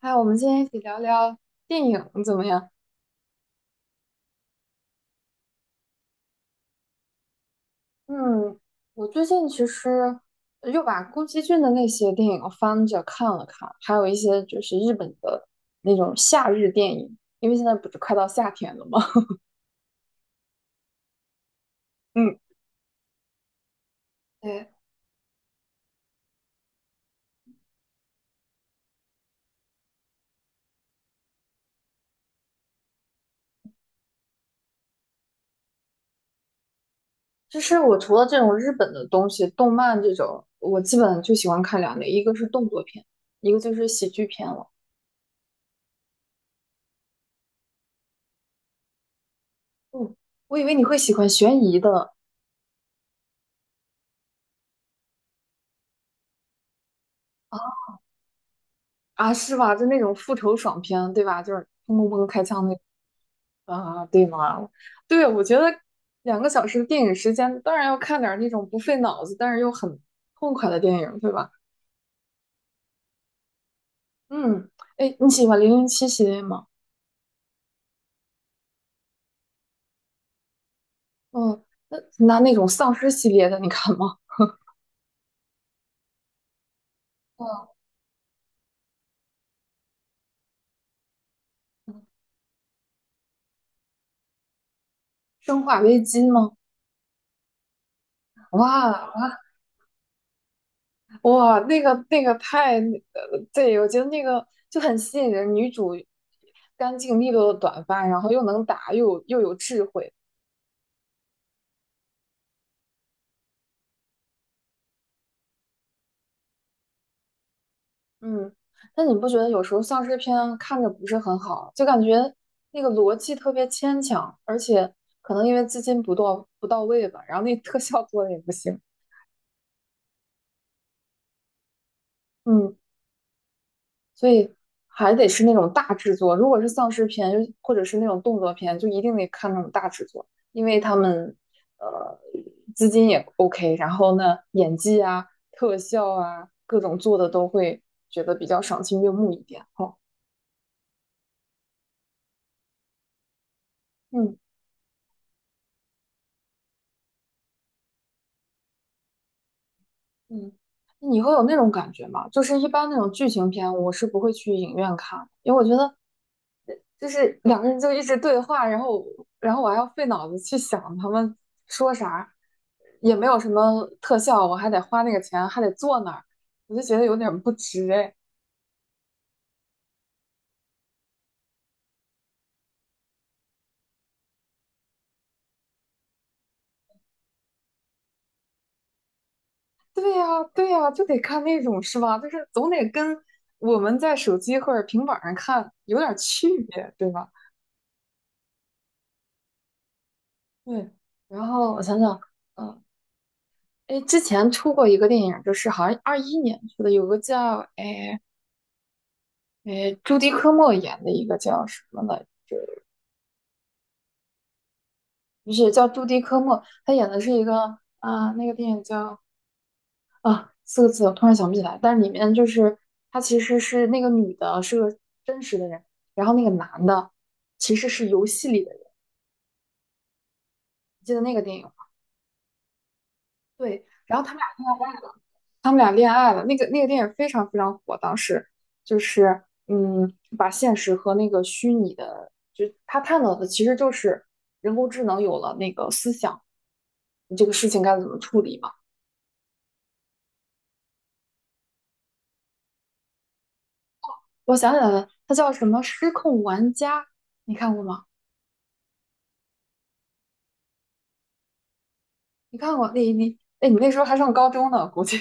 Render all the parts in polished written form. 嗨，我们今天一起聊聊电影怎么样？嗯，我最近其实又把宫崎骏的那些电影翻着看了看，还有一些就是日本的那种夏日电影，因为现在不是快到夏天了吗？嗯，对，就是我除了这种日本的东西，动漫这种，我基本就喜欢看两类，一个是动作片，一个就是喜剧片了。嗯，我以为你会喜欢悬疑的。啊，是吧？就那种复仇爽片，对吧？就是砰砰砰开枪那。啊，对吗？对，我觉得2个小时的电影时间，当然要看点儿那种不费脑子，但是又很痛快的电影，对吧？嗯，哎，你喜欢《007》系列吗？嗯，那种丧尸系列的，你看吗？嗯，《生化危机》吗？哇哇，那个太，对，我觉得那个就很吸引人。女主干净利落的短发，然后又能打，又有智慧。嗯，但你不觉得有时候丧尸片看着不是很好，就感觉那个逻辑特别牵强，而且可能因为资金不到位吧，然后那特效做的也不行。嗯，所以还得是那种大制作。如果是丧尸片，就或者是那种动作片，就一定得看那种大制作，因为他们呃资金也 OK,然后呢演技啊、特效啊各种做的都会觉得比较赏心悦目一点。哦，嗯嗯，你会有那种感觉吗？就是一般那种剧情片，我是不会去影院看的，因为我觉得就是两个人就一直对话，然后我还要费脑子去想他们说啥，也没有什么特效，我还得花那个钱，还得坐那儿，我就觉得有点不值哎。对呀，对呀，就得看那种是吧？就是总得跟我们在手机或者平板儿上看有点区别，对吧？对，然后我想想。嗯。哎，之前出过一个电影，就是好像21年出的，有个叫朱迪科莫演的一个叫什么来着，不是叫朱迪科莫，他演的是一个啊、那个电影叫四个字，我突然想不起来，但是里面就是他其实是那个女的是个真实的人，然后那个男的其实是游戏里的人，你记得那个电影吗？对，然后他们俩。他们俩恋爱了。那个电影非常非常火，当时就是把现实和那个虚拟的，就他探讨的其实就是人工智能有了那个思想，你这个事情该怎么处理嘛？我想起来了，它叫什么《失控玩家》，你看过吗？你看过？你那时候还上高中呢，估计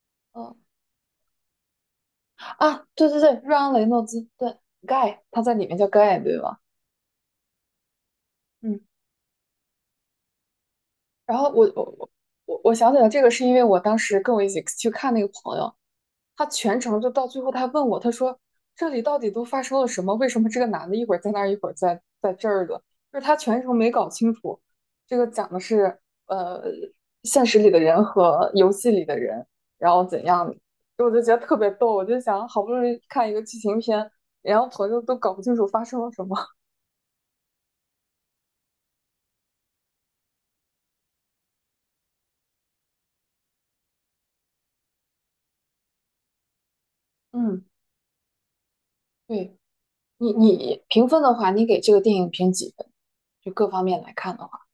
嗯啊，对对对，瑞安雷诺兹，对，Guy,他在里面叫 Guy,对吧？嗯，然后我想起来这个是因为我当时跟我一起去看那个朋友，他全程就到最后，他问我，他说这里到底都发生了什么？为什么这个男的一会儿在那儿，一会儿在这儿的？就是他全程没搞清楚，这个讲的是呃现实里的人和游戏里的人，然后怎样？我就觉得特别逗，我就想好不容易看一个剧情片，然后朋友都搞不清楚发生了什么。嗯，对。你评分的话，你给这个电影评几分？就各方面来看的话。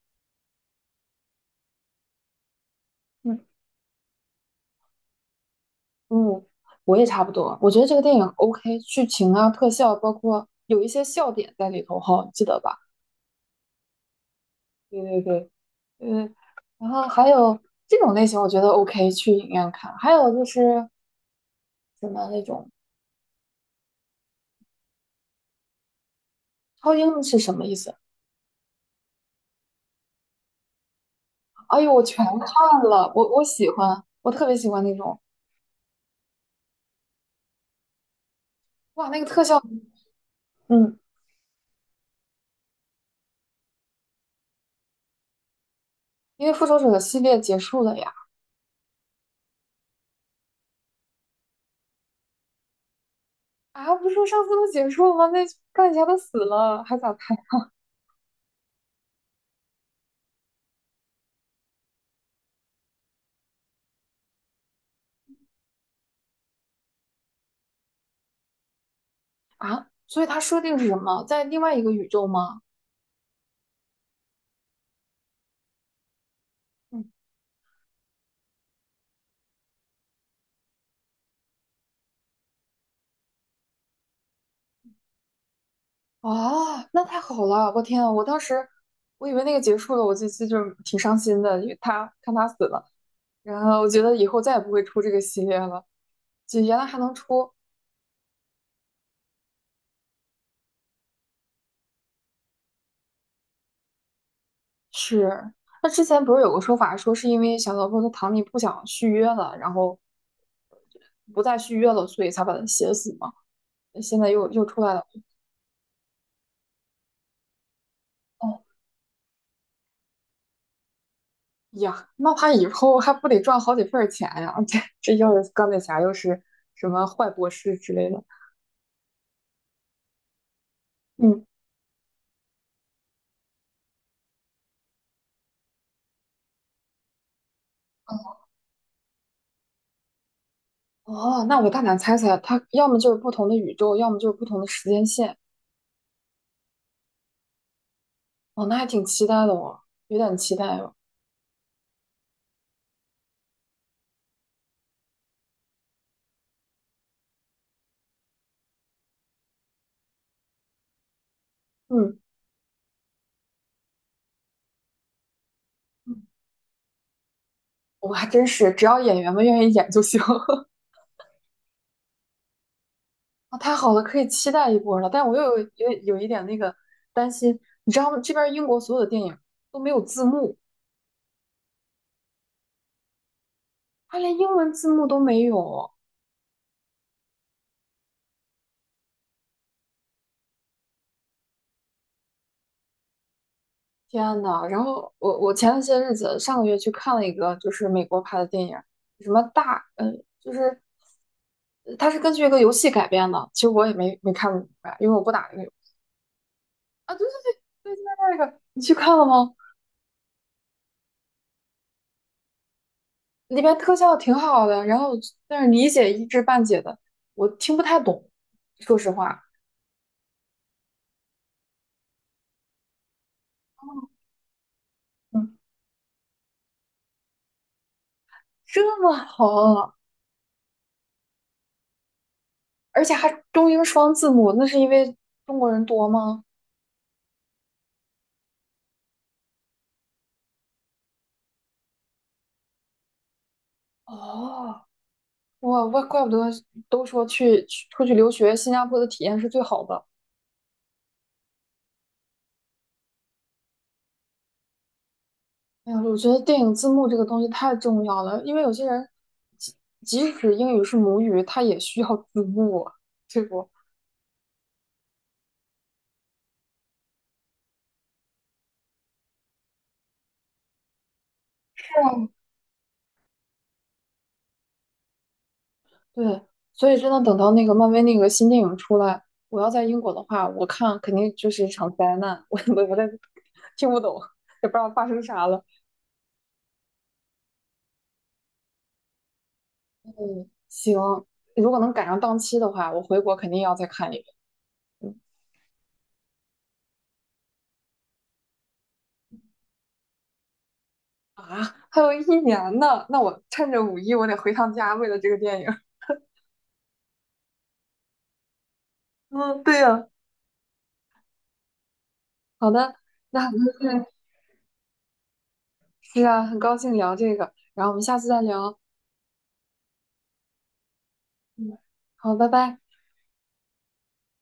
嗯，嗯，我也差不多。我觉得这个电影 OK,剧情啊、特效，包括有一些笑点在里头哈，记得吧？对对对，嗯，然后还有这种类型，我觉得 OK,去影院看。还有就是什么那种超英是什么意思？哎呦，我全看了，我喜欢，我特别喜欢那种，哇，那个特效。嗯，因为复仇者系列结束了呀。啊，不是说上次都结束了吗？那钢铁侠都死了，还咋看啊？所以它设定是什么？在另外一个宇宙吗？嗯啊，那太好了！我天啊，我当时我以为那个结束了，我这次就是挺伤心的，因为他看他死了，然后我觉得以后再也不会出这个系列了。就原来还能出，是。那之前不是有个说法，说是因为小萝卜和唐尼不想续约了，然后不再续约了，所以才把他写死嘛。现在又出来了，哦哎呀，那他以后还不得赚好几份儿钱呀？这又是钢铁侠又是什么坏博士之类的，嗯。哦，那我大胆猜猜，它要么就是不同的宇宙，要么就是不同的时间线。哦，那还挺期待的哦，有点期待哦。嗯，嗯我还真是，只要演员们愿意演就行。啊，太好了，可以期待一波了。但我又有一点那个担心，你知道吗？这边英国所有的电影都没有字幕，它连英文字幕都没有。天呐，然后我前些日子上个月去看了一个就是美国拍的电影，什么大就是它是根据一个游戏改编的，其实我也没看明白，因为我不打那个游啊。对对对对，就在那个你去看了吗？里边特效挺好的，然后但是理解一知半解的，我听不太懂，说实话。嗯，这么好，而且还中英双字幕，那是因为中国人多吗？哦。哇，怪不得都说去出去留学，新加坡的体验是最好的。哎呀，我觉得电影字幕这个东西太重要了，因为有些人即即使英语是母语，他也需要字幕啊，对不？对，所以真的等到那个漫威那个新电影出来，我要在英国的话，我看肯定就是一场灾难，我我在听不懂，也不知道发生啥了。嗯，行，如果能赶上档期的话，我回国肯定要再看一遍。嗯啊，还有一年呢，那我趁着五一，我得回趟家，为了这个电影。嗯，对呀，好的，那很高兴，是啊，很高兴聊这个，然后我们下次再聊。嗯，好，拜拜。